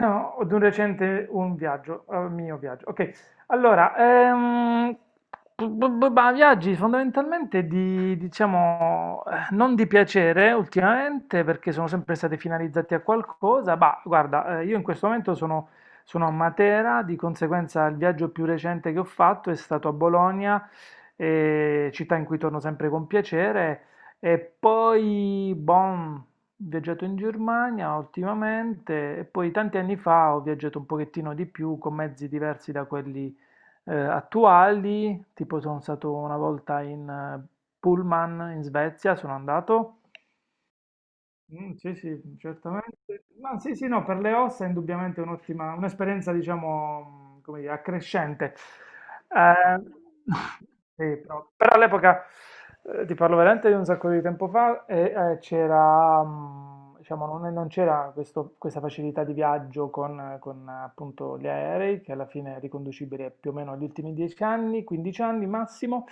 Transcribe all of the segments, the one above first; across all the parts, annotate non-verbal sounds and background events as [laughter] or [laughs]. No, di un recente un viaggio, mio viaggio. Ok, allora, ma viaggi fondamentalmente di, diciamo, non di piacere ultimamente perché sono sempre stati finalizzati a qualcosa, ma guarda, io in questo momento sono a Matera, di conseguenza il viaggio più recente che ho fatto è stato a Bologna, città in cui torno sempre con piacere, e poi, boh, viaggiato in Germania ultimamente e poi tanti anni fa ho viaggiato un pochettino di più con mezzi diversi da quelli attuali, tipo sono stato una volta in pullman in Svezia, sono andato. Mm, sì, sì, certamente. Ma sì, sì, no, per le ossa è indubbiamente un'ottima, un'esperienza, diciamo, come dire, accrescente. Ehm, [laughs] sì, però all'epoca, ti parlo veramente di un sacco di tempo fa, e, c'era, diciamo, non c'era questa facilità di viaggio con, appunto gli aerei, che alla fine è riconducibile più o meno agli ultimi 10 anni, 15 anni massimo.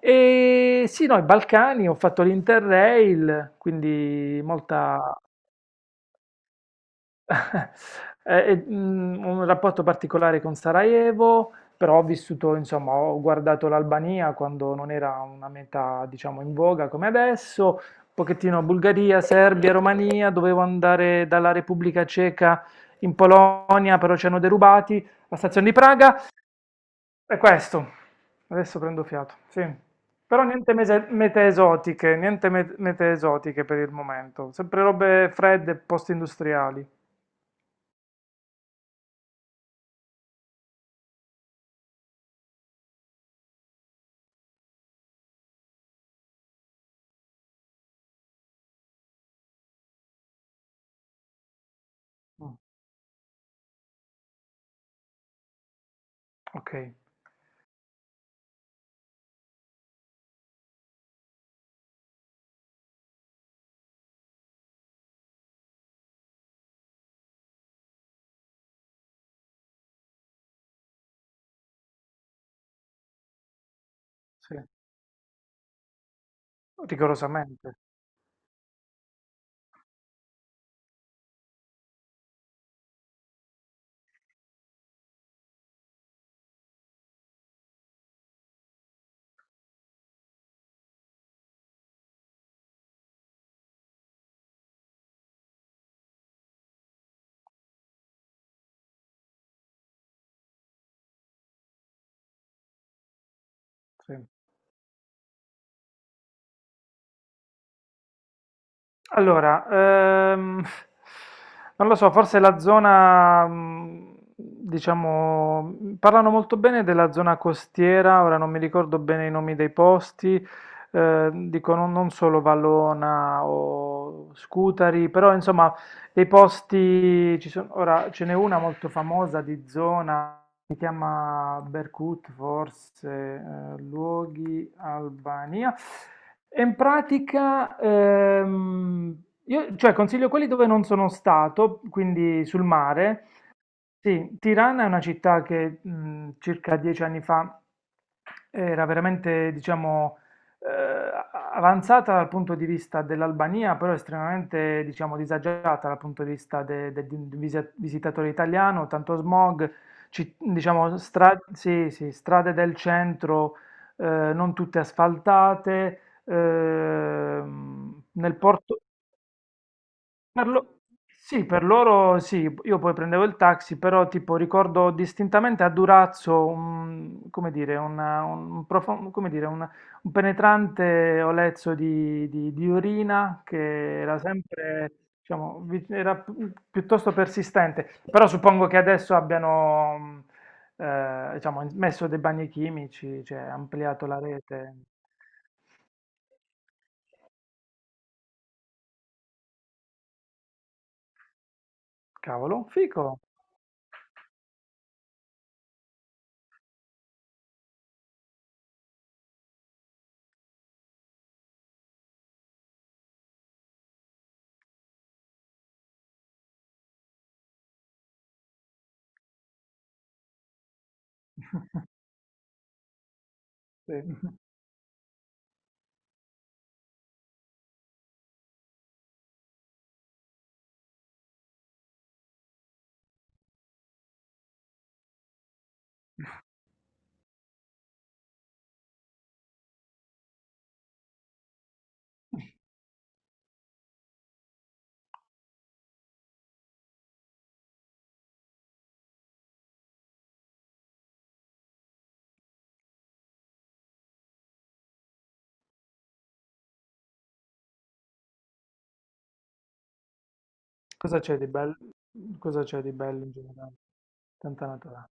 E sì, no, i Balcani, ho fatto l'Interrail, quindi molta... [laughs] Un rapporto particolare con Sarajevo, però ho vissuto, insomma, ho guardato l'Albania quando non era una meta, diciamo, in voga come adesso, un pochettino Bulgaria, Serbia, Romania, dovevo andare dalla Repubblica Ceca in Polonia, però ci hanno derubati, la stazione di Praga, è questo. Adesso prendo fiato, sì. Però niente mete esotiche, niente mete esotiche per il momento, sempre robe fredde, post-industriali. Mm, Ok. Sì, rigorosamente. Sì. Allora, ehm, [laughs] non lo so, forse la zona, diciamo, parlano molto bene della zona costiera, ora non mi ricordo bene i nomi dei posti, dicono non solo Vallona o Scutari, però insomma, dei posti, ci sono, ora ce n'è una molto famosa di zona si chiama Berkut, forse luoghi Albania. E in pratica, io cioè, consiglio quelli dove non sono stato, quindi sul mare. Sì, Tirana è una città che circa 10 anni fa era veramente, diciamo, avanzata dal punto di vista dell'Albania, però estremamente, diciamo, disagiata dal punto di vista di un visitatore italiano, tanto smog, diciamo, sì, sì, strade del centro eh, non tutte asfaltate, nel porto... Per lo- Sì, per loro sì, io poi prendevo il taxi, però tipo ricordo distintamente a Durazzo un, come dire, un, come dire, un penetrante olezzo di urina che era sempre, diciamo, era piuttosto persistente, però suppongo che adesso abbiano, diciamo, messo dei bagni chimici, cioè ampliato la rete. Cavolo, fico. [laughs] Sì. Cosa c'è di bello? Cosa c'è di bello in generale? Tanta natura.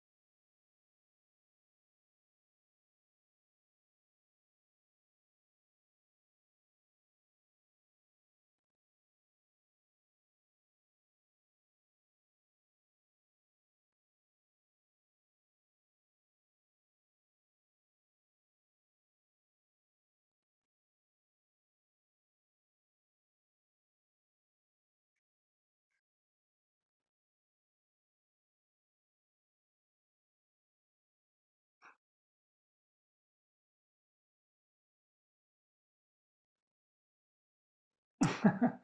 [laughs]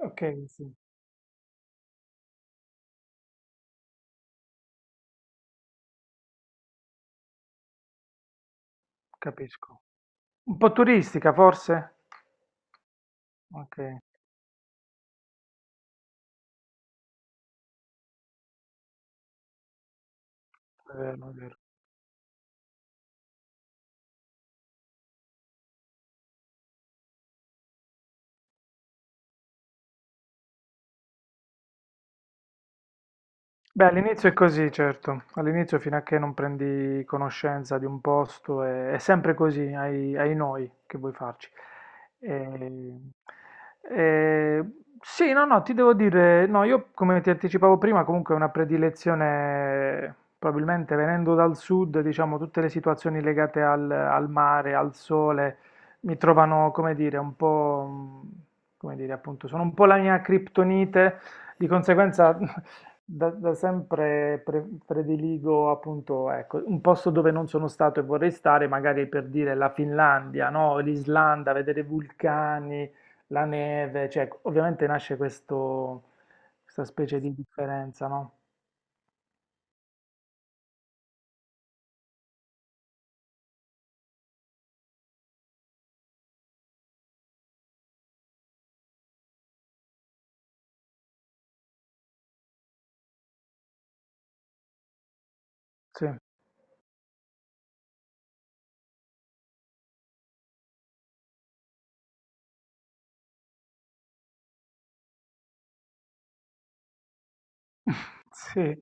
Ok, sì, capisco. Un po' turistica forse? Ok, è vero, è vero. Beh, all'inizio è così, certo. All'inizio, fino a che non prendi conoscenza di un posto, è sempre così, hai, hai noi che vuoi farci. E- e- sì, no, no, ti devo dire, no, io come ti anticipavo prima, comunque è una predilezione, probabilmente venendo dal sud, diciamo, tutte le situazioni legate al mare, al sole, mi trovano, come dire, un po', mm, come dire, appunto, sono un po' la mia criptonite. Di conseguenza [laughs] Da sempre prediligo appunto, ecco, un posto dove non sono stato e vorrei stare, magari per dire la Finlandia, no? L'Islanda, vedere i vulcani, la neve, cioè ecco, ovviamente nasce questo, questa specie di differenza, no? Sì, sì.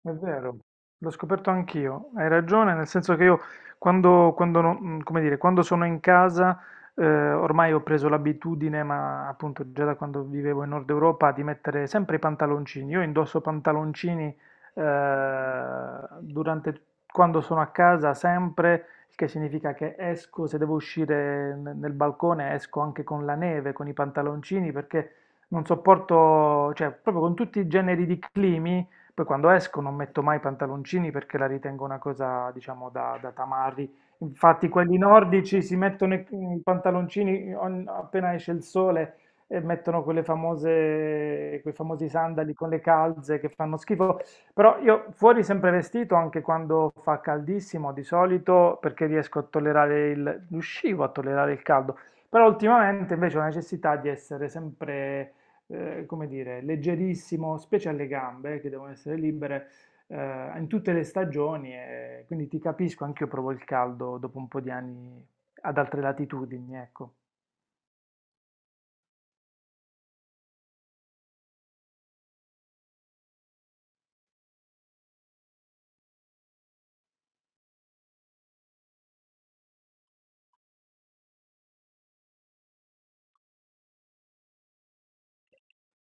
È vero, l'ho scoperto anch'io. Hai ragione, nel senso che io quando come dire, quando sono in casa, eh, ormai ho preso l'abitudine, ma appunto già da quando vivevo in Nord Europa, di mettere sempre i pantaloncini. Io indosso pantaloncini, durante, quando sono a casa sempre, il che significa che esco, se devo uscire nel balcone, esco anche con la neve, con i pantaloncini, perché non sopporto, cioè proprio con tutti i generi di climi. Poi quando esco non metto mai pantaloncini perché la ritengo una cosa, diciamo, da tamarri. Infatti quelli nordici si mettono i pantaloncini appena esce il sole e mettono quelle famose, quei famosi sandali con le calze che fanno schifo. Però io fuori sempre vestito, anche quando fa caldissimo di solito, perché riesco a tollerare il, riuscivo a tollerare il caldo. Però ultimamente invece ho la necessità di essere sempre come dire, leggerissimo, specie alle gambe che devono essere libere in tutte le stagioni. E quindi ti capisco, anche io provo il caldo dopo un po' di anni ad altre latitudini, ecco.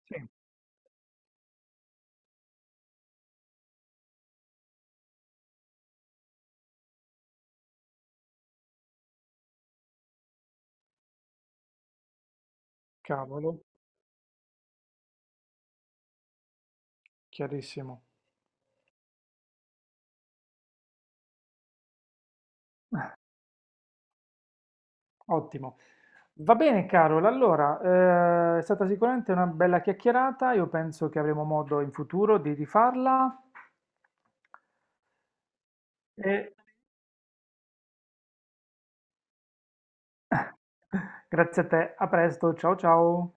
Sì, cavolo, chiarissimo, ottimo. Va bene, Carol, allora, è stata sicuramente una bella chiacchierata, io penso che avremo modo in futuro di rifarla. E [laughs] grazie a te, a presto, ciao ciao.